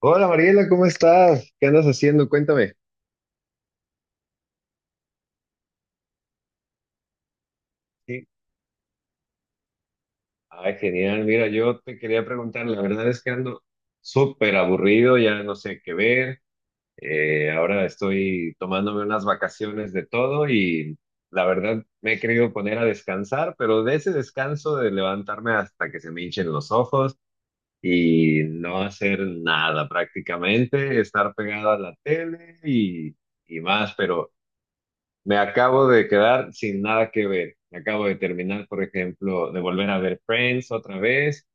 Hola Mariela, ¿cómo estás? ¿Qué andas haciendo? Cuéntame. Sí. Ay, genial. Mira, yo te quería preguntar, la verdad es que ando súper aburrido, ya no sé qué ver. Ahora estoy tomándome unas vacaciones de todo y la verdad me he querido poner a descansar, pero de ese descanso de levantarme hasta que se me hinchen los ojos y no hacer nada prácticamente, estar pegado a la tele y más, pero me acabo de quedar sin nada que ver. Me acabo de terminar, por ejemplo, de volver a ver Friends otra vez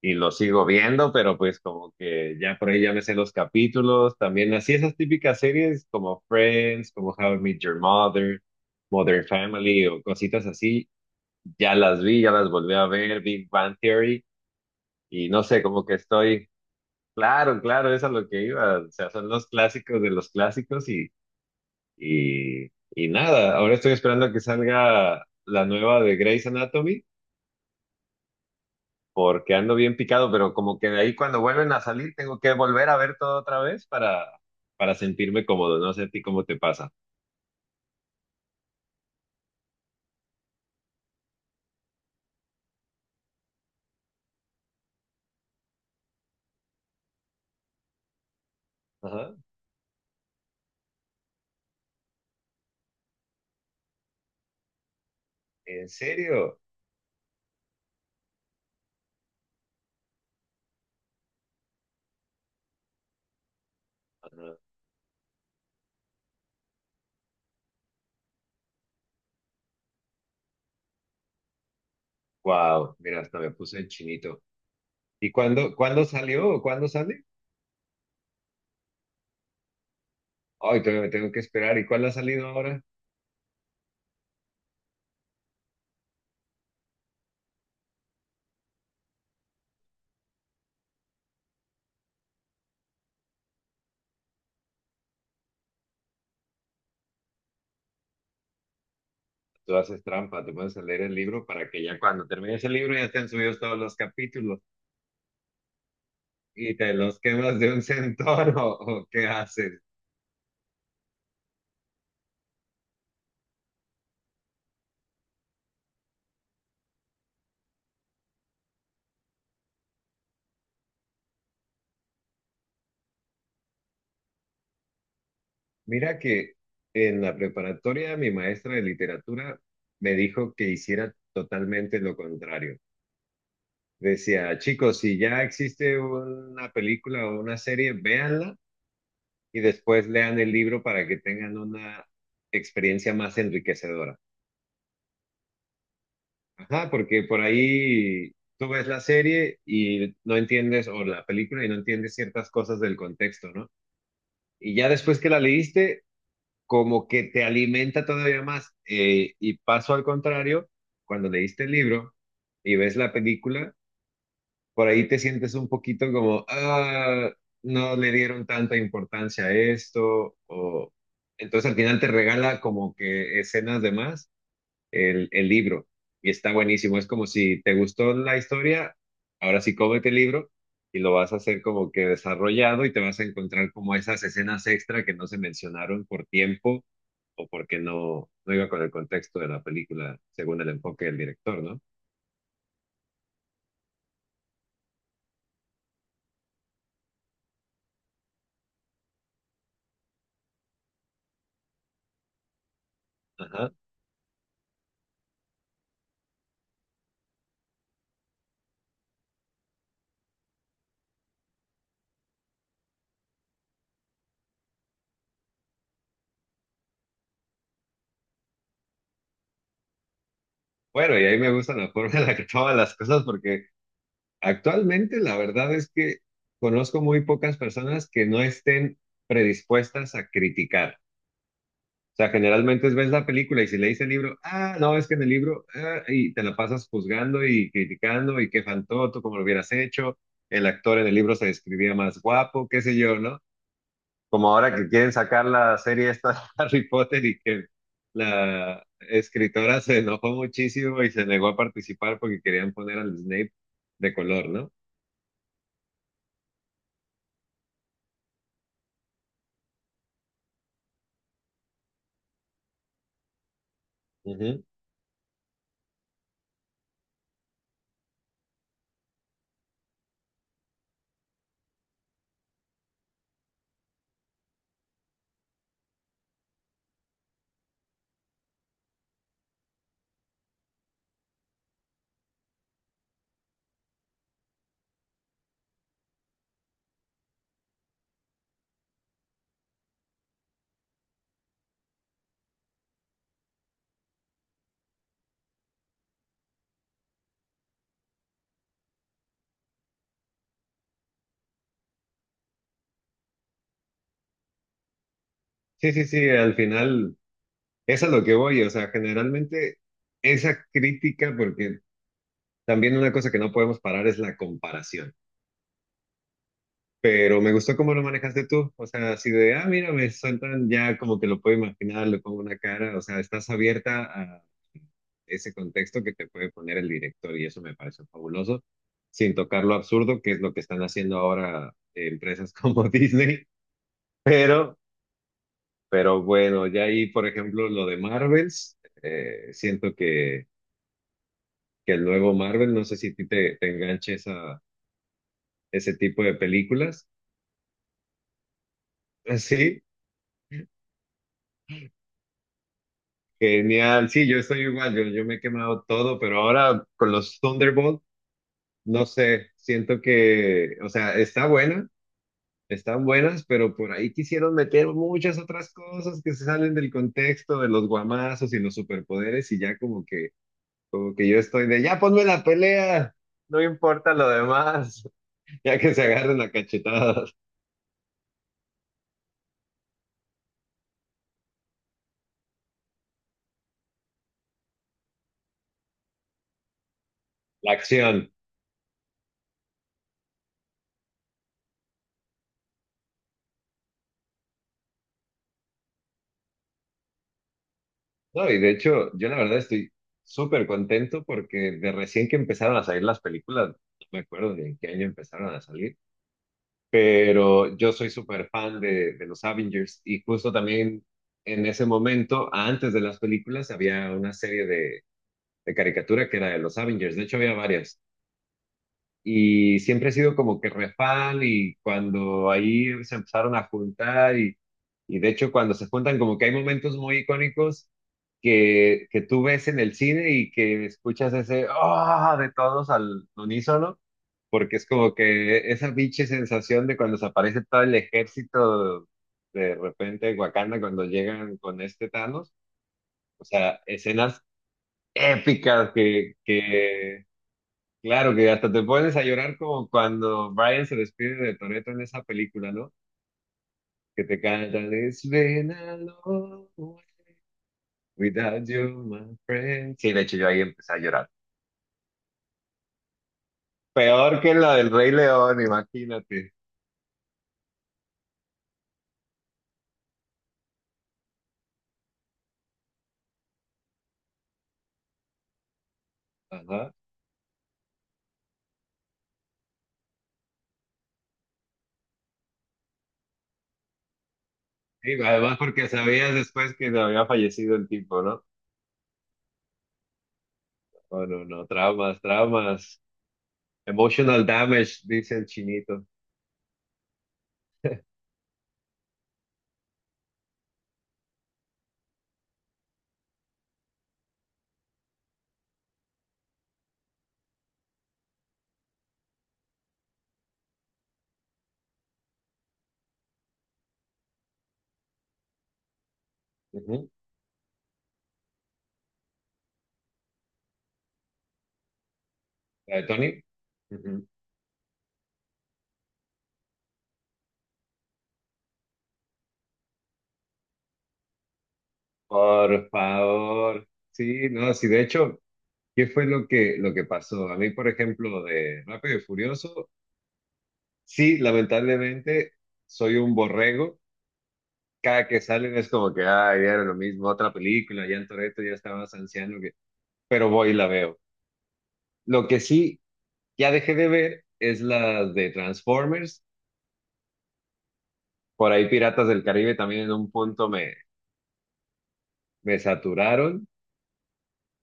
y lo sigo viendo, pero pues como que ya por ahí ya me sé los capítulos. También así esas típicas series como Friends, como How I Met Your Mother, Modern Family o cositas así, ya las vi, ya las volví a ver, Big Bang Theory y no sé, como que estoy, claro, claro, es a lo que iba. O sea, son los clásicos de los clásicos y, y nada, ahora estoy esperando a que salga la nueva de Grey's Anatomy, porque ando bien picado, pero como que de ahí cuando vuelven a salir tengo que volver a ver todo otra vez para sentirme cómodo. No sé a ti cómo te pasa. Ajá. ¿En serio? Ajá. Wow, mira, hasta me puse el chinito. ¿Y cuándo salió? ¿O ¿cuándo sale? Ay, todavía me tengo que esperar. ¿Y cuál ha salido ahora? Tú haces trampa, te pones a leer el libro para que ya cuando termines el libro ya estén subidos todos los capítulos. ¿Y te los quemas de un centón o qué haces? Mira que en la preparatoria mi maestra de literatura me dijo que hiciera totalmente lo contrario. Decía, chicos, si ya existe una película o una serie, véanla y después lean el libro para que tengan una experiencia más enriquecedora. Ajá, porque por ahí tú ves la serie y no entiendes, o la película y no entiendes ciertas cosas del contexto, ¿no? Y ya después que la leíste, como que te alimenta todavía más. Y paso al contrario, cuando leíste el libro y ves la película, por ahí te sientes un poquito como, ah, no le dieron tanta importancia a esto, o entonces al final te regala como que escenas de más el libro y está buenísimo. Es como si te gustó la historia, ahora sí cómete el libro y lo vas a hacer como que desarrollado y te vas a encontrar como esas escenas extra que no se mencionaron por tiempo o porque no, no iba con el contexto de la película según el enfoque del director, ¿no? Ajá. Bueno, y ahí me gusta la forma en la que toman las cosas porque actualmente la verdad es que conozco muy pocas personas que no estén predispuestas a criticar. O sea, generalmente ves la película y si lees el libro, ah, no, es que en el libro, ah, y te la pasas juzgando y criticando y qué faltó, tú cómo lo hubieras hecho, el actor en el libro se describía más guapo, qué sé yo, ¿no? Como ahora que quieren sacar la serie esta de Harry Potter y que la escritora se enojó muchísimo y se negó a participar porque querían poner al Snape de color, ¿no? Ujú. Sí, sí, sí, al final, eso es a lo que voy, o sea, generalmente esa crítica, porque también una cosa que no podemos parar es la comparación. Pero me gustó cómo lo manejaste tú. O sea, así de, ah, mira, me sueltan ya como que lo puedo imaginar, le pongo una cara. O sea, estás abierta a ese contexto que te puede poner el director y eso me parece fabuloso, sin tocar lo absurdo, que es lo que están haciendo ahora empresas como Disney. Pero, pero bueno, ya ahí, por ejemplo, lo de Marvels, siento que el nuevo Marvel, no sé si a ti te, te enganche esa, ese tipo de películas. Ah, sí, genial. Sí, yo estoy igual, yo me he quemado todo, pero ahora con los Thunderbolt, no sé, siento que, o sea, está buena, están buenas, pero por ahí quisieron meter muchas otras cosas que se salen del contexto de los guamazos y los superpoderes y ya como que yo estoy de, ya ponme la pelea, no importa lo demás, ya que se agarren a cachetadas, la acción. No, y de hecho, yo la verdad estoy súper contento porque de recién que empezaron a salir las películas, no me acuerdo de en qué año empezaron a salir, pero yo soy súper fan de los Avengers y justo también en ese momento, antes de las películas, había una serie de caricatura que era de los Avengers, de hecho había varias y siempre he sido como que re fan y cuando ahí se empezaron a juntar y de hecho cuando se juntan como que hay momentos muy icónicos que tú ves en el cine y que escuchas ese ah de todos al unísono, porque es como que esa biche sensación de cuando se aparece todo el ejército de repente en Wakanda cuando llegan con este Thanos, o sea, escenas épicas que claro que hasta te pones a llorar como cuando Brian se despide de Toretto en esa película, ¿no? Que te cantan It's been a long way without you, my friend. Sí, de hecho yo ahí empecé a llorar. Peor que la del Rey León, imagínate. Ajá. Y además porque sabías después que no había fallecido el tipo, ¿no? Oh, no, no, traumas, traumas. Emotional damage, dice el chinito. Ujú. ¿La de Tony? Ujú. Por favor. Sí, no, sí, de hecho. ¿Qué fue lo que pasó? A mí, por ejemplo, de Rápido y Furioso, sí, lamentablemente soy un borrego. Cada que salen es como que, ay, era lo mismo, otra película, ya en Toretto ya estaba más anciano, que... pero voy y la veo. Lo que sí ya dejé de ver es las de Transformers. Por ahí Piratas del Caribe también en un punto me, me saturaron.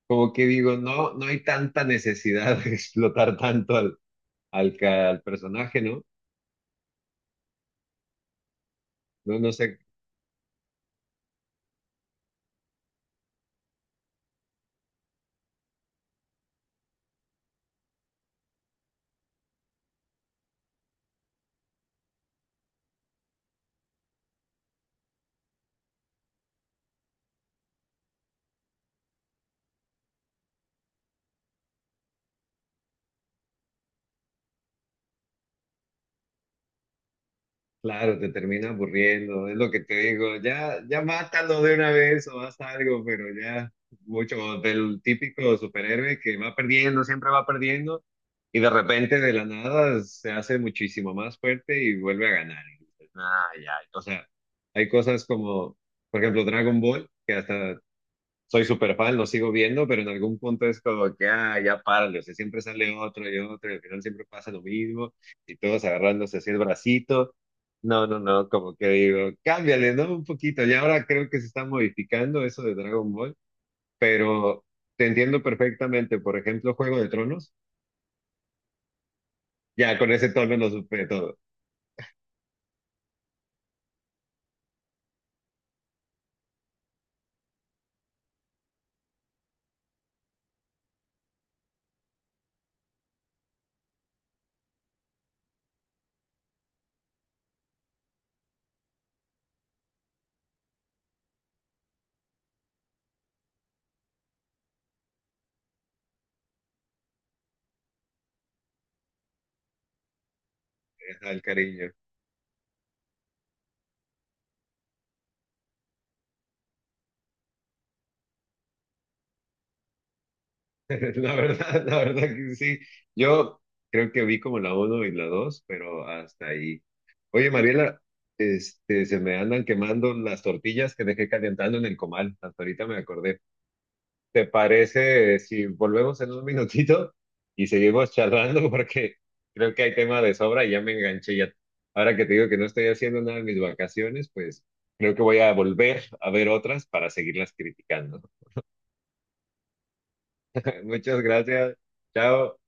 Como que digo, no, no hay tanta necesidad de explotar tanto al, al, ca- al personaje, ¿no? No, no sé. Claro, te termina aburriendo, es lo que te digo, ya, ya mátalo de una vez o haz algo, pero ya mucho del típico superhéroe que va perdiendo, siempre va perdiendo y de repente de la nada se hace muchísimo más fuerte y vuelve a ganar. Y dices, "Ay, ay". O sea, hay cosas como, por ejemplo, Dragon Ball, que hasta soy súper fan, lo sigo viendo, pero en algún punto es como que, ah, ya párale, o sea, siempre sale otro y otro, y al final siempre pasa lo mismo, y todos agarrándose así el bracito. No, no, no, como que digo, cámbiale, ¿no? Un poquito, y ahora creo que se está modificando eso de Dragon Ball, pero te entiendo perfectamente, por ejemplo, Juego de Tronos, ya con ese tono lo supe todo, es el cariño. La verdad que sí. Yo creo que vi como la uno y la 2 pero hasta ahí. Oye, Mariela, este, se me andan quemando las tortillas que dejé calentando en el comal. Hasta ahorita me acordé. ¿Te parece si volvemos en un minutito y seguimos charlando? Porque creo que hay tema de sobra y ya me enganché ya. Ahora que te digo que no estoy haciendo nada en mis vacaciones, pues creo que voy a volver a ver otras para seguirlas criticando. Muchas gracias. Chao.